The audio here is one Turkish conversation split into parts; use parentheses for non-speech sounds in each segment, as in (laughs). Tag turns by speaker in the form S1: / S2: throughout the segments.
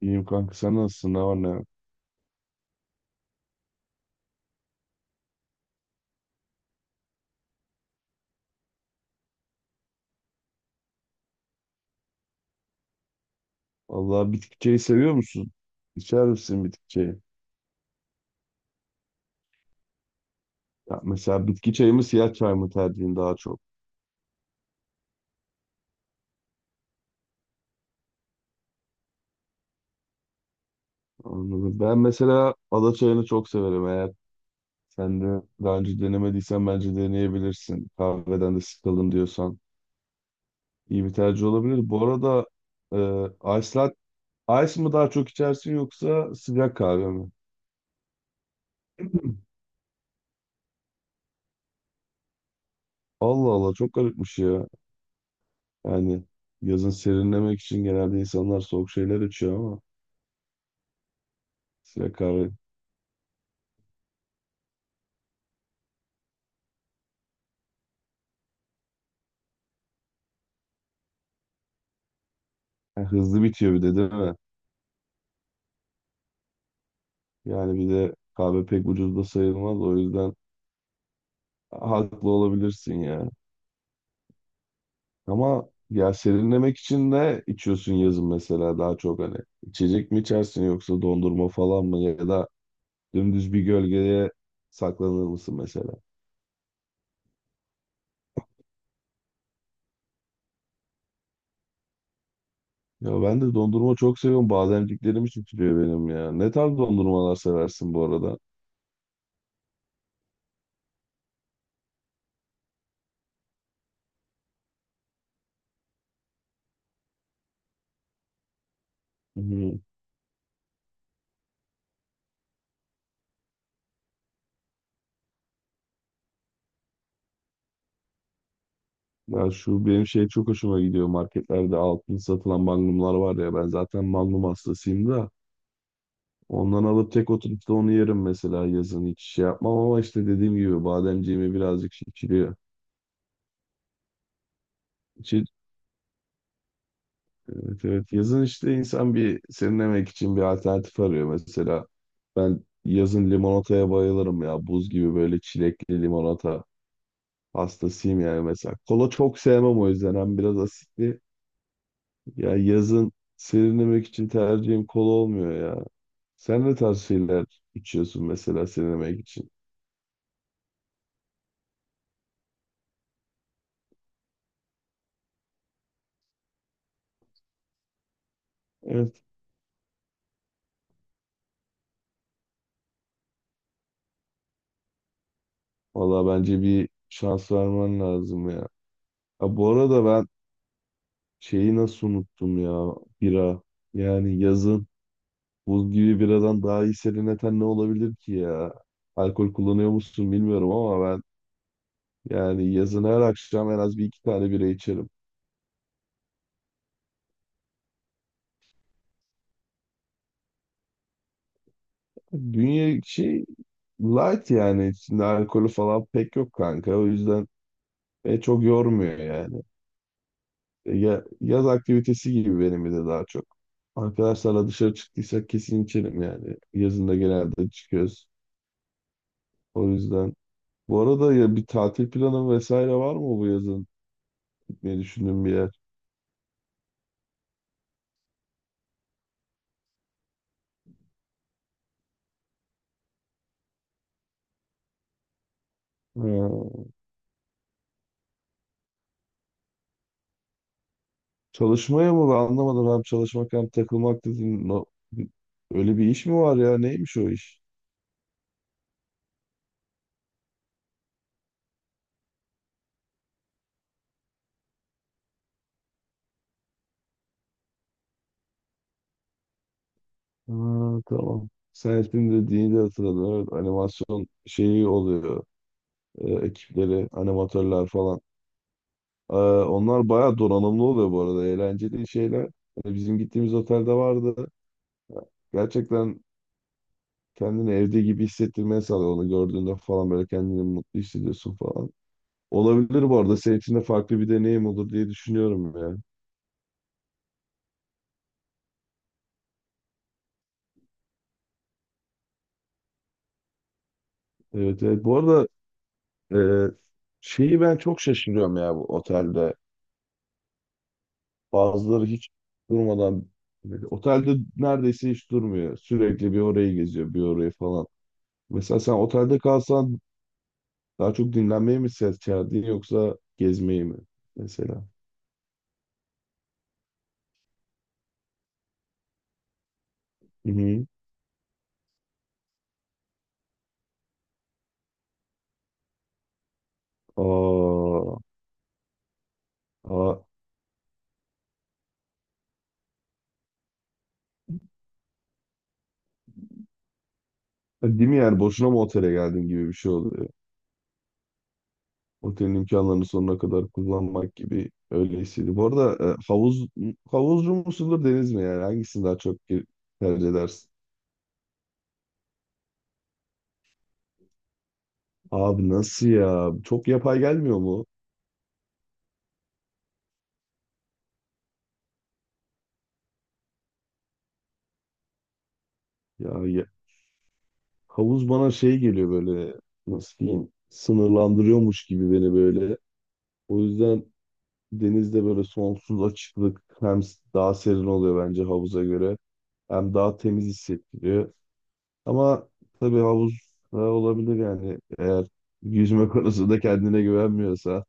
S1: İyiyim kanka, sen nasılsın? Ne var ne yok? Vallahi bitki çayı seviyor musun? İçer misin bitki çayı? Ya mesela bitki çayı mı siyah çay mı tercihin daha çok? Anladım. Ben mesela ada çayını çok severim. Eğer sen de daha önce denemediysen bence deneyebilirsin. Kahveden de sıkıldın diyorsan iyi bir tercih olabilir. Bu arada e, ice lat- ice mı daha çok içersin yoksa sıcak kahve mi? (clears throat) Allah Allah, çok garipmiş ya. Yani yazın serinlemek için genelde insanlar soğuk şeyler içiyor ama. Sıra kahve. Ha, hızlı bitiyor bir de değil mi? Yani bir de kahve pek ucuz da sayılmaz. O yüzden haklı olabilirsin ya. Ama ya serinlemek için de içiyorsun yazın mesela, daha çok hani. İçecek mi içersin yoksa dondurma falan mı, ya da dümdüz bir gölgeye saklanır mısın mesela? Ya ben de dondurma çok seviyorum. Bademciklerim için tutuyor benim ya. Ne tarz dondurmalar seversin bu arada? Hı. Ya şu benim şey çok hoşuma gidiyor. Marketlerde altın satılan magnumlar var ya. Ben zaten magnum hastasıyım da. Ondan alıp tek oturup da onu yerim mesela yazın. Hiç şey yapmam ama işte dediğim gibi bademciğimi birazcık şişiriyor. İçi- Evet, evet. Yazın işte insan bir serinlemek için bir alternatif arıyor. Mesela ben yazın limonataya bayılırım ya. Buz gibi böyle çilekli limonata hastasıyım yani mesela. Kola çok sevmem, o yüzden. Hem biraz asitli. Ya yazın serinlemek için tercihim kola olmuyor ya. Sen ne tarz şeyler içiyorsun mesela sinemek için? Evet. Valla bence bir şans vermen lazım ya. Ha, bu arada ben şeyi nasıl unuttum ya? Bira. Yani yazın buz gibi biradan daha iyi serinleten ne olabilir ki ya? Alkol kullanıyor musun bilmiyorum ama ben, yani yazın her akşam en az bir iki tane bira içerim. Dünya şey, light yani, içinde alkolü falan pek yok kanka. O yüzden çok yormuyor yani. Ya, yaz aktivitesi gibi benim de daha çok. Arkadaşlarla dışarı çıktıysak kesin içerim yani. Yazında genelde çıkıyoruz. O yüzden. Bu arada ya, bir tatil planı vesaire var mı, bu yazın gitmeyi düşündüğün bir yer? Ha, çalışmaya mı? Ben anlamadım. Hem çalışmak hem takılmak dedin. Öyle bir iş mi var ya? Neymiş o iş? Ha, tamam. Sen ismini dediğini de hatırladım. Evet, animasyon şeyi oluyor. Ekipleri, animatörler falan. Onlar bayağı donanımlı oluyor bu arada. Eğlenceli şeyler. Hani bizim gittiğimiz otelde vardı. Gerçekten kendini evde gibi hissettirmeye sağlıyor. Onu gördüğünde falan böyle kendini mutlu hissediyorsun falan. Olabilir bu arada. Senin için de farklı bir deneyim olur diye düşünüyorum ya. Evet, evet. Bu arada e, şeyi ben çok şaşırıyorum ya bu otelde. Bazıları hiç durmadan otelde neredeyse hiç durmuyor. Sürekli bir orayı geziyor, bir orayı falan. Mesela sen otelde kalsan daha çok dinlenmeye mi ses çağırdın yoksa gezmeyi mi mesela? Hı hı. Aa, aa. Değil mi yani, boşuna mı otele geldin gibi bir şey oluyor. Otelin imkanlarını sonuna kadar kullanmak gibi öyle hissediyorum. Bu arada havuzcu musundur deniz mi, yani hangisini daha çok tercih edersin? Abi nasıl ya? Çok yapay gelmiyor mu? Ya, ya- havuz bana şey geliyor böyle, nasıl diyeyim, sınırlandırıyormuş gibi beni böyle. O yüzden denizde böyle sonsuz açıklık, hem daha serin oluyor bence havuza göre, hem daha temiz hissettiriyor. Ama tabii havuz da olabilir yani, eğer yüzme (laughs) konusunda kendine güvenmiyorsa.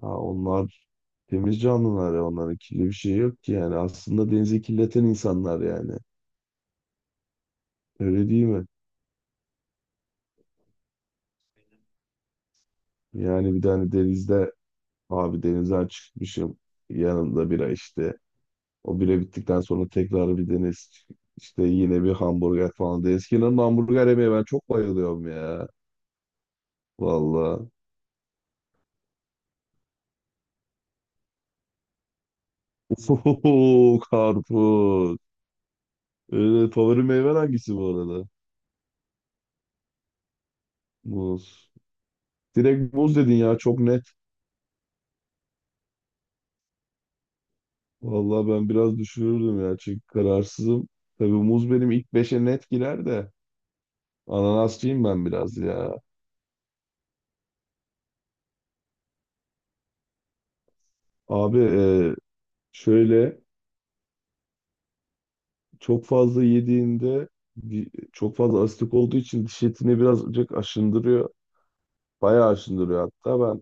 S1: Ha, onlar temiz canlılar ya, onların kirli bir şey yok ki yani. Aslında denizi kirleten insanlar yani, öyle değil mi? Yani bir tane denizde, abi denizden çıkmışım, yanımda bira işte. O bile bittikten sonra tekrar bir deniz. İşte yine bir hamburger falan. Eskiden hamburger yemeye ben çok bayılıyorum ya. Valla. Ohohoho, karpuz. Öyle, favori meyven hangisi bu arada? Muz. Direkt muz dedin ya, çok net. Valla ben biraz düşünürdüm ya, çünkü kararsızım. Tabii muz benim ilk beşe net girer de. Ananasçıyım ben biraz ya. Abi şöyle çok fazla yediğinde, çok fazla asitik olduğu için diş etini birazcık aşındırıyor. Bayağı aşındırıyor hatta, ben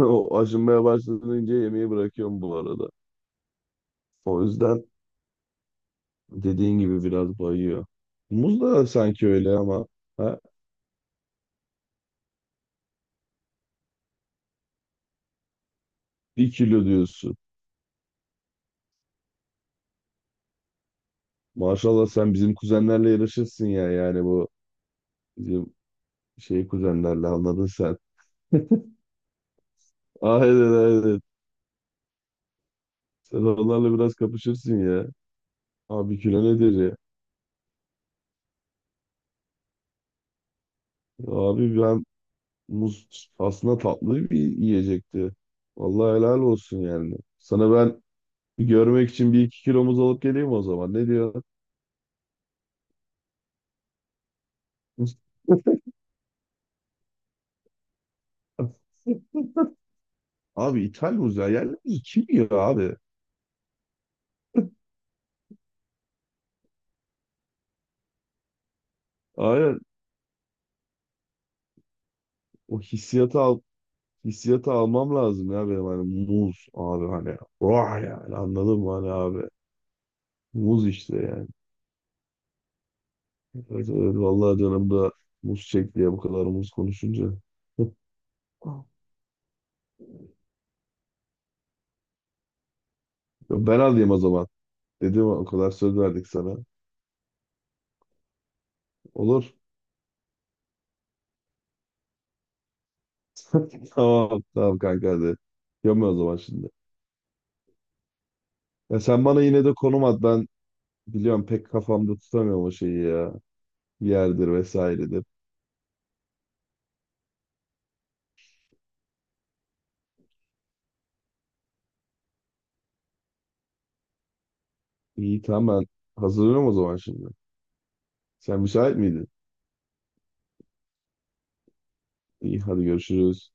S1: (laughs) o aşınmaya başlayınca yemeği bırakıyorum bu arada. O yüzden dediğin gibi biraz bayıyor. Muz da sanki öyle ama, ha? Bir kilo diyorsun. Maşallah sen bizim kuzenlerle yarışırsın ya, yani bu bizim şey kuzenlerle, anladın sen. (laughs) Aynen, aynen. Sen onlarla biraz kapışırsın ya. Abi kilo nedir ya? Abi, muz aslında tatlı bir yiyecekti. Vallahi helal olsun yani. Sana ben görmek için bir iki kilo muz alıp geleyim o zaman. Ne diyor? (laughs) Abi ithal muz ya. Yerli muz kim yiyor abi? Aynen, o hissiyatı al, hissiyatı almam lazım ya benim, hani muz abi, hani vah yani, anladın mı, hani abi muz işte yani. Evet, evet, vallahi canım da muz çekti ya bu kadar muz konuşunca. (laughs) Ben alayım o zaman dedim, o kadar söz verdik sana. Olur. (laughs) Tamam. Tamam kanka, hadi. Yapıyorum o zaman şimdi. Ya sen bana yine de konum at. Ben biliyorum, pek kafamda tutamıyorum o şeyi ya. Yerdir vesairedir. İyi tamam, ben hazırlıyorum o zaman şimdi. Sen müsait miydin? İyi, hadi görüşürüz.